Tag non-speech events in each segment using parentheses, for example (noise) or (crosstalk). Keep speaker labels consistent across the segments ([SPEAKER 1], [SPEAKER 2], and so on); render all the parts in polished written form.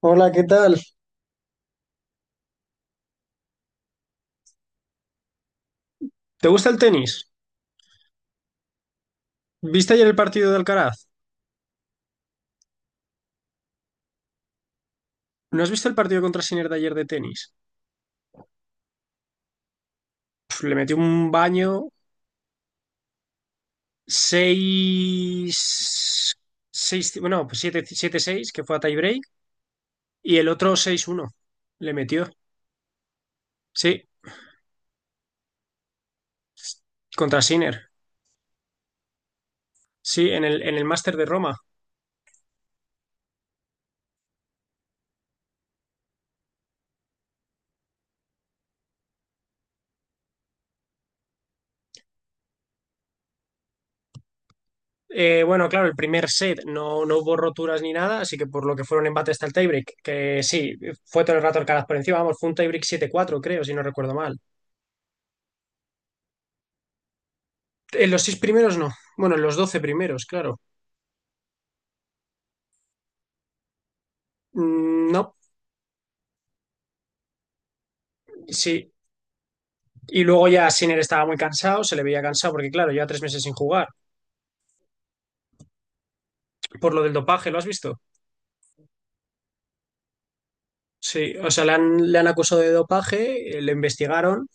[SPEAKER 1] Hola, ¿qué tal? ¿Te gusta el tenis? ¿Viste ayer el partido de Alcaraz? ¿No has visto el partido contra Sinner de ayer de tenis? Pf, le metió un baño. Seis, seis, bueno, pues siete, 7-6, que fue a tiebreak, y el otro 6-1, le metió. Sí, contra Sinner. Sí, en el Máster de Roma. Bueno, claro, el primer set no, no hubo roturas ni nada, así que por lo que fue un embate hasta el tiebreak, que sí, fue todo el rato Alcaraz por encima. Vamos, fue un tiebreak 7-4, creo, si no recuerdo mal. En los seis primeros no. Bueno, en los 12 primeros, claro. Mm. No. Sí. Y luego ya Sinner estaba muy cansado, se le veía cansado porque, claro, lleva 3 meses sin jugar. Por lo del dopaje, ¿lo has visto? Sí, o sea, le han acusado de dopaje, le investigaron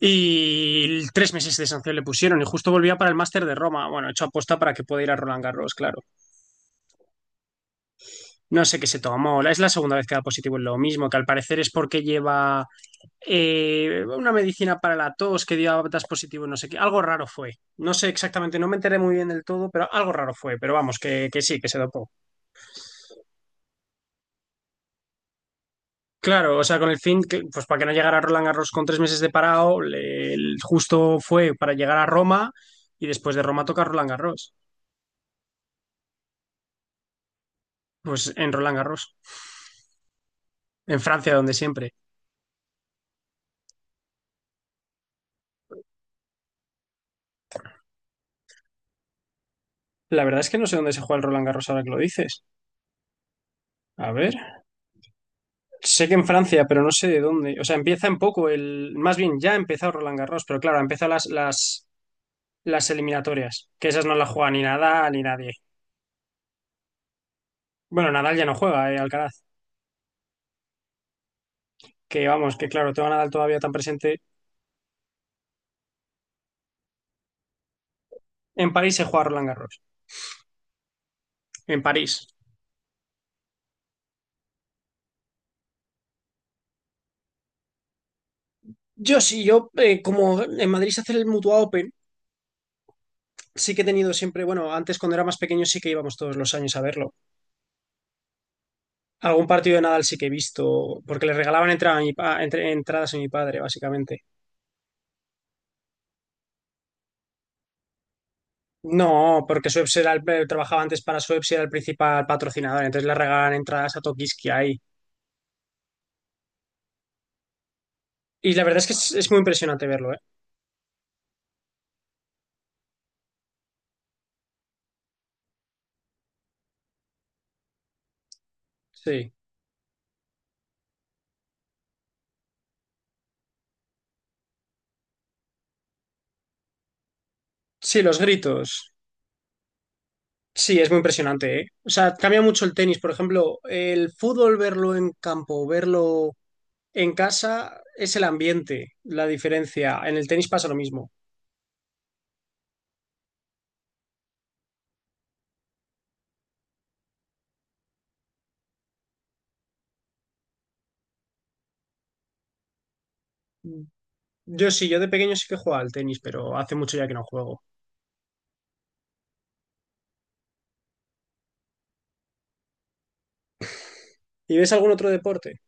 [SPEAKER 1] y 3 meses de sanción le pusieron y justo volvía para el Máster de Roma. Bueno, hecho aposta para que pueda ir a Roland Garros, claro. No sé qué se tomó. Es la segunda vez que da positivo en lo mismo, que al parecer es porque lleva una medicina para la tos que dio a das positivo, no sé qué. Algo raro fue. No sé exactamente, no me enteré muy bien del todo, pero algo raro fue. Pero vamos, que sí, que se dopó. Claro, o sea, con el fin, que, pues para que no llegara Roland Garros con 3 meses de parado, justo fue para llegar a Roma y después de Roma toca Roland Garros. Pues en Roland Garros, en Francia, donde siempre. La verdad es que no sé dónde se juega el Roland Garros ahora que lo dices. A ver, sé que en Francia, pero no sé de dónde. O sea, empieza en poco el. Más bien, ya ha empezado Roland Garros, pero claro, ha empezado las eliminatorias, que esas no las juega ni Nadal ni nadie. Bueno, Nadal ya no juega, Alcaraz. Que vamos, que claro, tengo a Nadal todavía tan presente. En París se juega Roland Garros. En París. Yo sí, yo como en Madrid se hace el Mutua Open, sí que he tenido siempre, bueno, antes cuando era más pequeño sí que íbamos todos los años a verlo. Algún partido de Nadal sí que he visto, porque le regalaban entradas a mi padre, básicamente. No, porque Schweppes trabajaba antes para Schweppes y era el principal patrocinador, entonces le regalaban entradas a Tokiski ahí. Y la verdad es que es muy impresionante verlo, ¿eh? Sí. Sí, los gritos. Sí, es muy impresionante, ¿eh? O sea, cambia mucho el tenis. Por ejemplo, el fútbol, verlo en campo, verlo en casa, es el ambiente, la diferencia. En el tenis pasa lo mismo. Yo sí, yo de pequeño sí que jugaba al tenis, pero hace mucho ya que no juego. ¿Y ves algún otro deporte?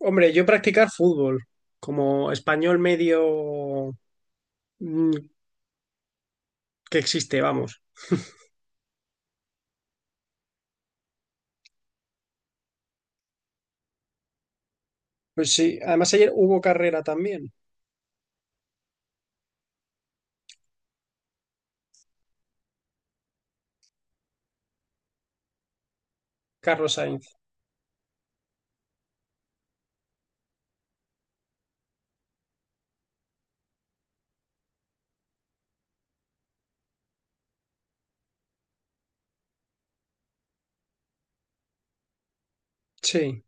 [SPEAKER 1] Hombre, yo practicar fútbol, como español medio, mm, que existe, vamos. Pues sí, además ayer hubo carrera también, Carlos Sainz. Sí.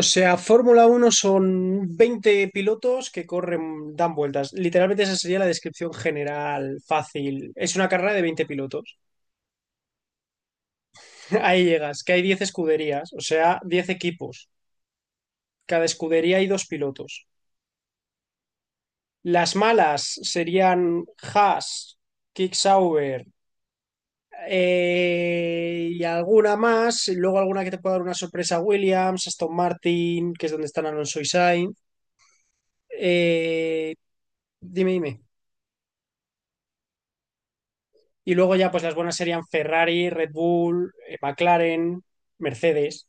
[SPEAKER 1] O sea, Fórmula Uno son 20 pilotos que corren, dan vueltas. Literalmente esa sería la descripción general, fácil. Es una carrera de 20 pilotos. (laughs) Ahí llegas, que hay 10 escuderías, o sea, 10 equipos. Cada escudería hay dos pilotos. Las malas serían Haas, Kicksauber, y alguna más. Y luego alguna que te pueda dar una sorpresa, Williams, Aston Martin, que es donde están Alonso y Sainz. Eh, Dime, dime. Y luego ya pues las buenas serían Ferrari, Red Bull, McLaren, Mercedes.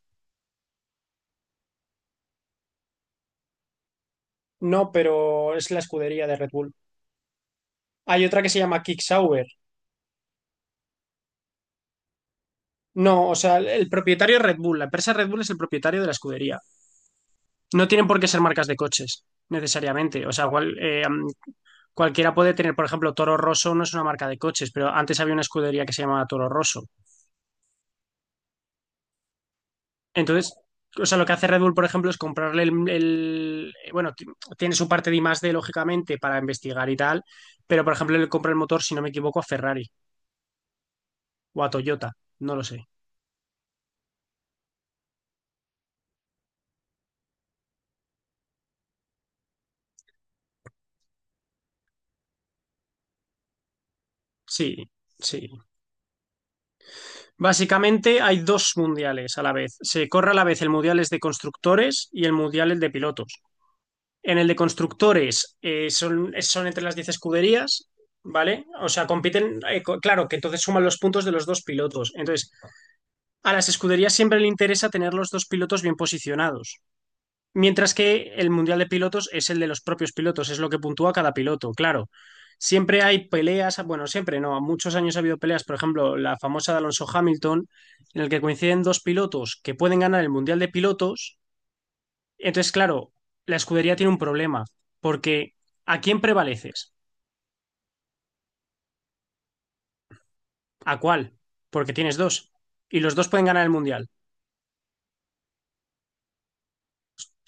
[SPEAKER 1] No, pero es la escudería de Red Bull. Hay otra que se llama Kick Sauber. No, o sea, el propietario es Red Bull. La empresa Red Bull es el propietario de la escudería. No tienen por qué ser marcas de coches, necesariamente. O sea, cualquiera puede tener, por ejemplo, Toro Rosso no es una marca de coches, pero antes había una escudería que se llamaba Toro Rosso. Entonces, o sea, lo que hace Red Bull, por ejemplo, es comprarle bueno, tiene su parte de I más I+D, lógicamente, para investigar y tal, pero, por ejemplo, le compra el motor, si no me equivoco, a Ferrari o a Toyota, no lo sé. Sí, sí. Básicamente hay dos mundiales a la vez. Se corre a la vez el mundial es de constructores y el mundial es de pilotos. En el de constructores, son entre las 10 escuderías, ¿vale? O sea, compiten, claro, que entonces suman los puntos de los dos pilotos. Entonces, a las escuderías siempre le interesa tener los dos pilotos bien posicionados, mientras que el Mundial de Pilotos es el de los propios pilotos, es lo que puntúa cada piloto, claro. Siempre hay peleas, bueno, siempre no, muchos años ha habido peleas, por ejemplo, la famosa de Alonso Hamilton, en el que coinciden dos pilotos que pueden ganar el Mundial de Pilotos. Entonces, claro, la escudería tiene un problema, porque ¿a quién prevaleces? ¿A cuál? Porque tienes dos, y los dos pueden ganar el Mundial.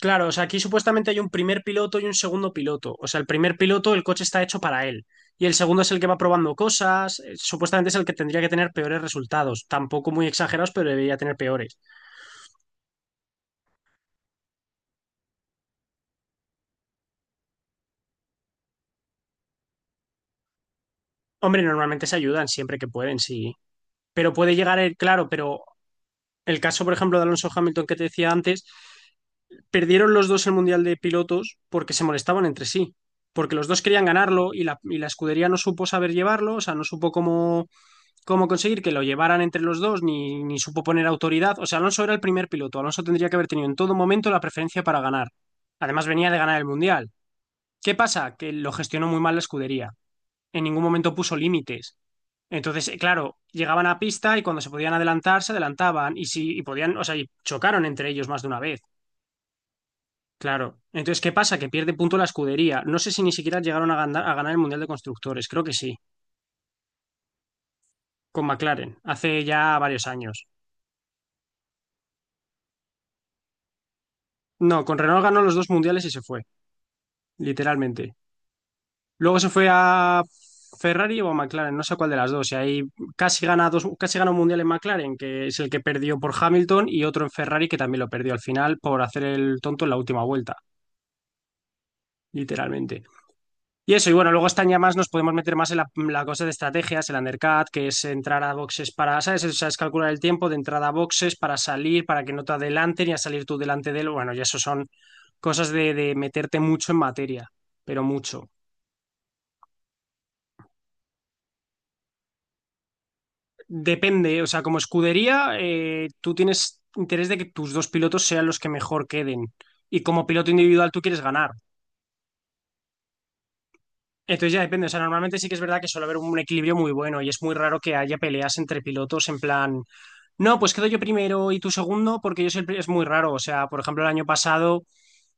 [SPEAKER 1] Claro, o sea, aquí supuestamente hay un primer piloto y un segundo piloto. O sea, el primer piloto, el coche está hecho para él. Y el segundo es el que va probando cosas. Supuestamente es el que tendría que tener peores resultados. Tampoco muy exagerados, pero debería tener peores. Hombre, normalmente se ayudan siempre que pueden, sí. Pero puede llegar claro, pero el caso, por ejemplo, de Alonso Hamilton que te decía antes, perdieron los dos el Mundial de Pilotos porque se molestaban entre sí. Porque los dos querían ganarlo y la escudería no supo saber llevarlo, o sea, no supo cómo conseguir que lo llevaran entre los dos, ni supo poner autoridad. O sea, Alonso era el primer piloto. Alonso tendría que haber tenido en todo momento la preferencia para ganar. Además, venía de ganar el Mundial. ¿Qué pasa? Que lo gestionó muy mal la escudería. En ningún momento puso límites. Entonces, claro, llegaban a pista y cuando se podían adelantar, se adelantaban. Y si y podían, o sea, y chocaron entre ellos más de una vez. Claro. Entonces, ¿qué pasa? Que pierde punto la escudería. No sé si ni siquiera llegaron a ganar el Mundial de Constructores. Creo que sí. Con McLaren. Hace ya varios años. No, con Renault ganó los dos mundiales y se fue, literalmente. Luego se fue a Ferrari o a McLaren, no sé cuál de las dos. Y ahí casi gana dos, casi gana un mundial en McLaren, que es el que perdió por Hamilton, y otro en Ferrari que también lo perdió al final por hacer el tonto en la última vuelta, literalmente. Y eso, y bueno, luego están ya más, nos podemos meter más en la cosa de estrategias, el undercut, que es entrar a boxes para, ¿sabes? O sea, es calcular el tiempo de entrada a boxes para salir, para que no te adelanten y a salir tú delante de él. Bueno, y eso son cosas de meterte mucho en materia, pero mucho. Depende, o sea, como escudería, tú tienes interés de que tus dos pilotos sean los que mejor queden. Y como piloto individual, tú quieres ganar. Entonces ya depende, o sea, normalmente sí que es verdad que suele haber un equilibrio muy bueno y es muy raro que haya peleas entre pilotos en plan, no, pues quedo yo primero y tú segundo porque yo soy el pri-". Es muy raro, o sea, por ejemplo, el año pasado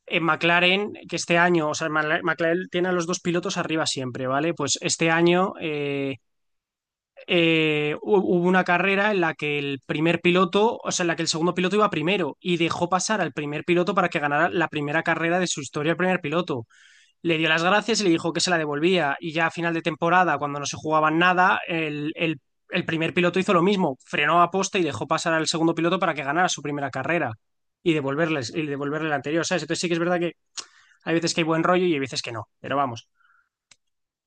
[SPEAKER 1] en McLaren, que este año, o sea, McLaren tiene a los dos pilotos arriba siempre, ¿vale? Pues este año, hubo una carrera en la que el primer piloto, o sea, en la que el segundo piloto iba primero y dejó pasar al primer piloto para que ganara la primera carrera de su historia el primer piloto. Le dio las gracias y le dijo que se la devolvía. Y ya a final de temporada, cuando no se jugaban nada, el primer piloto hizo lo mismo, frenó a posta y dejó pasar al segundo piloto para que ganara su primera carrera y devolverles, y devolverle la anterior, ¿sabes? Entonces sí que es verdad que hay veces que hay buen rollo y hay veces que no, pero vamos.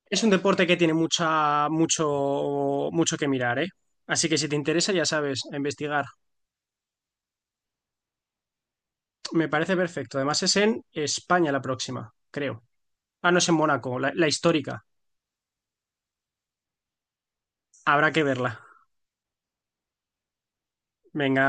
[SPEAKER 1] Es un deporte que tiene mucha, mucho, mucho que mirar, ¿eh? Así que si te interesa, ya sabes, a investigar. Me parece perfecto. Además, es en España la próxima, creo. Ah, no, es en Mónaco, la histórica. Habrá que verla. Venga.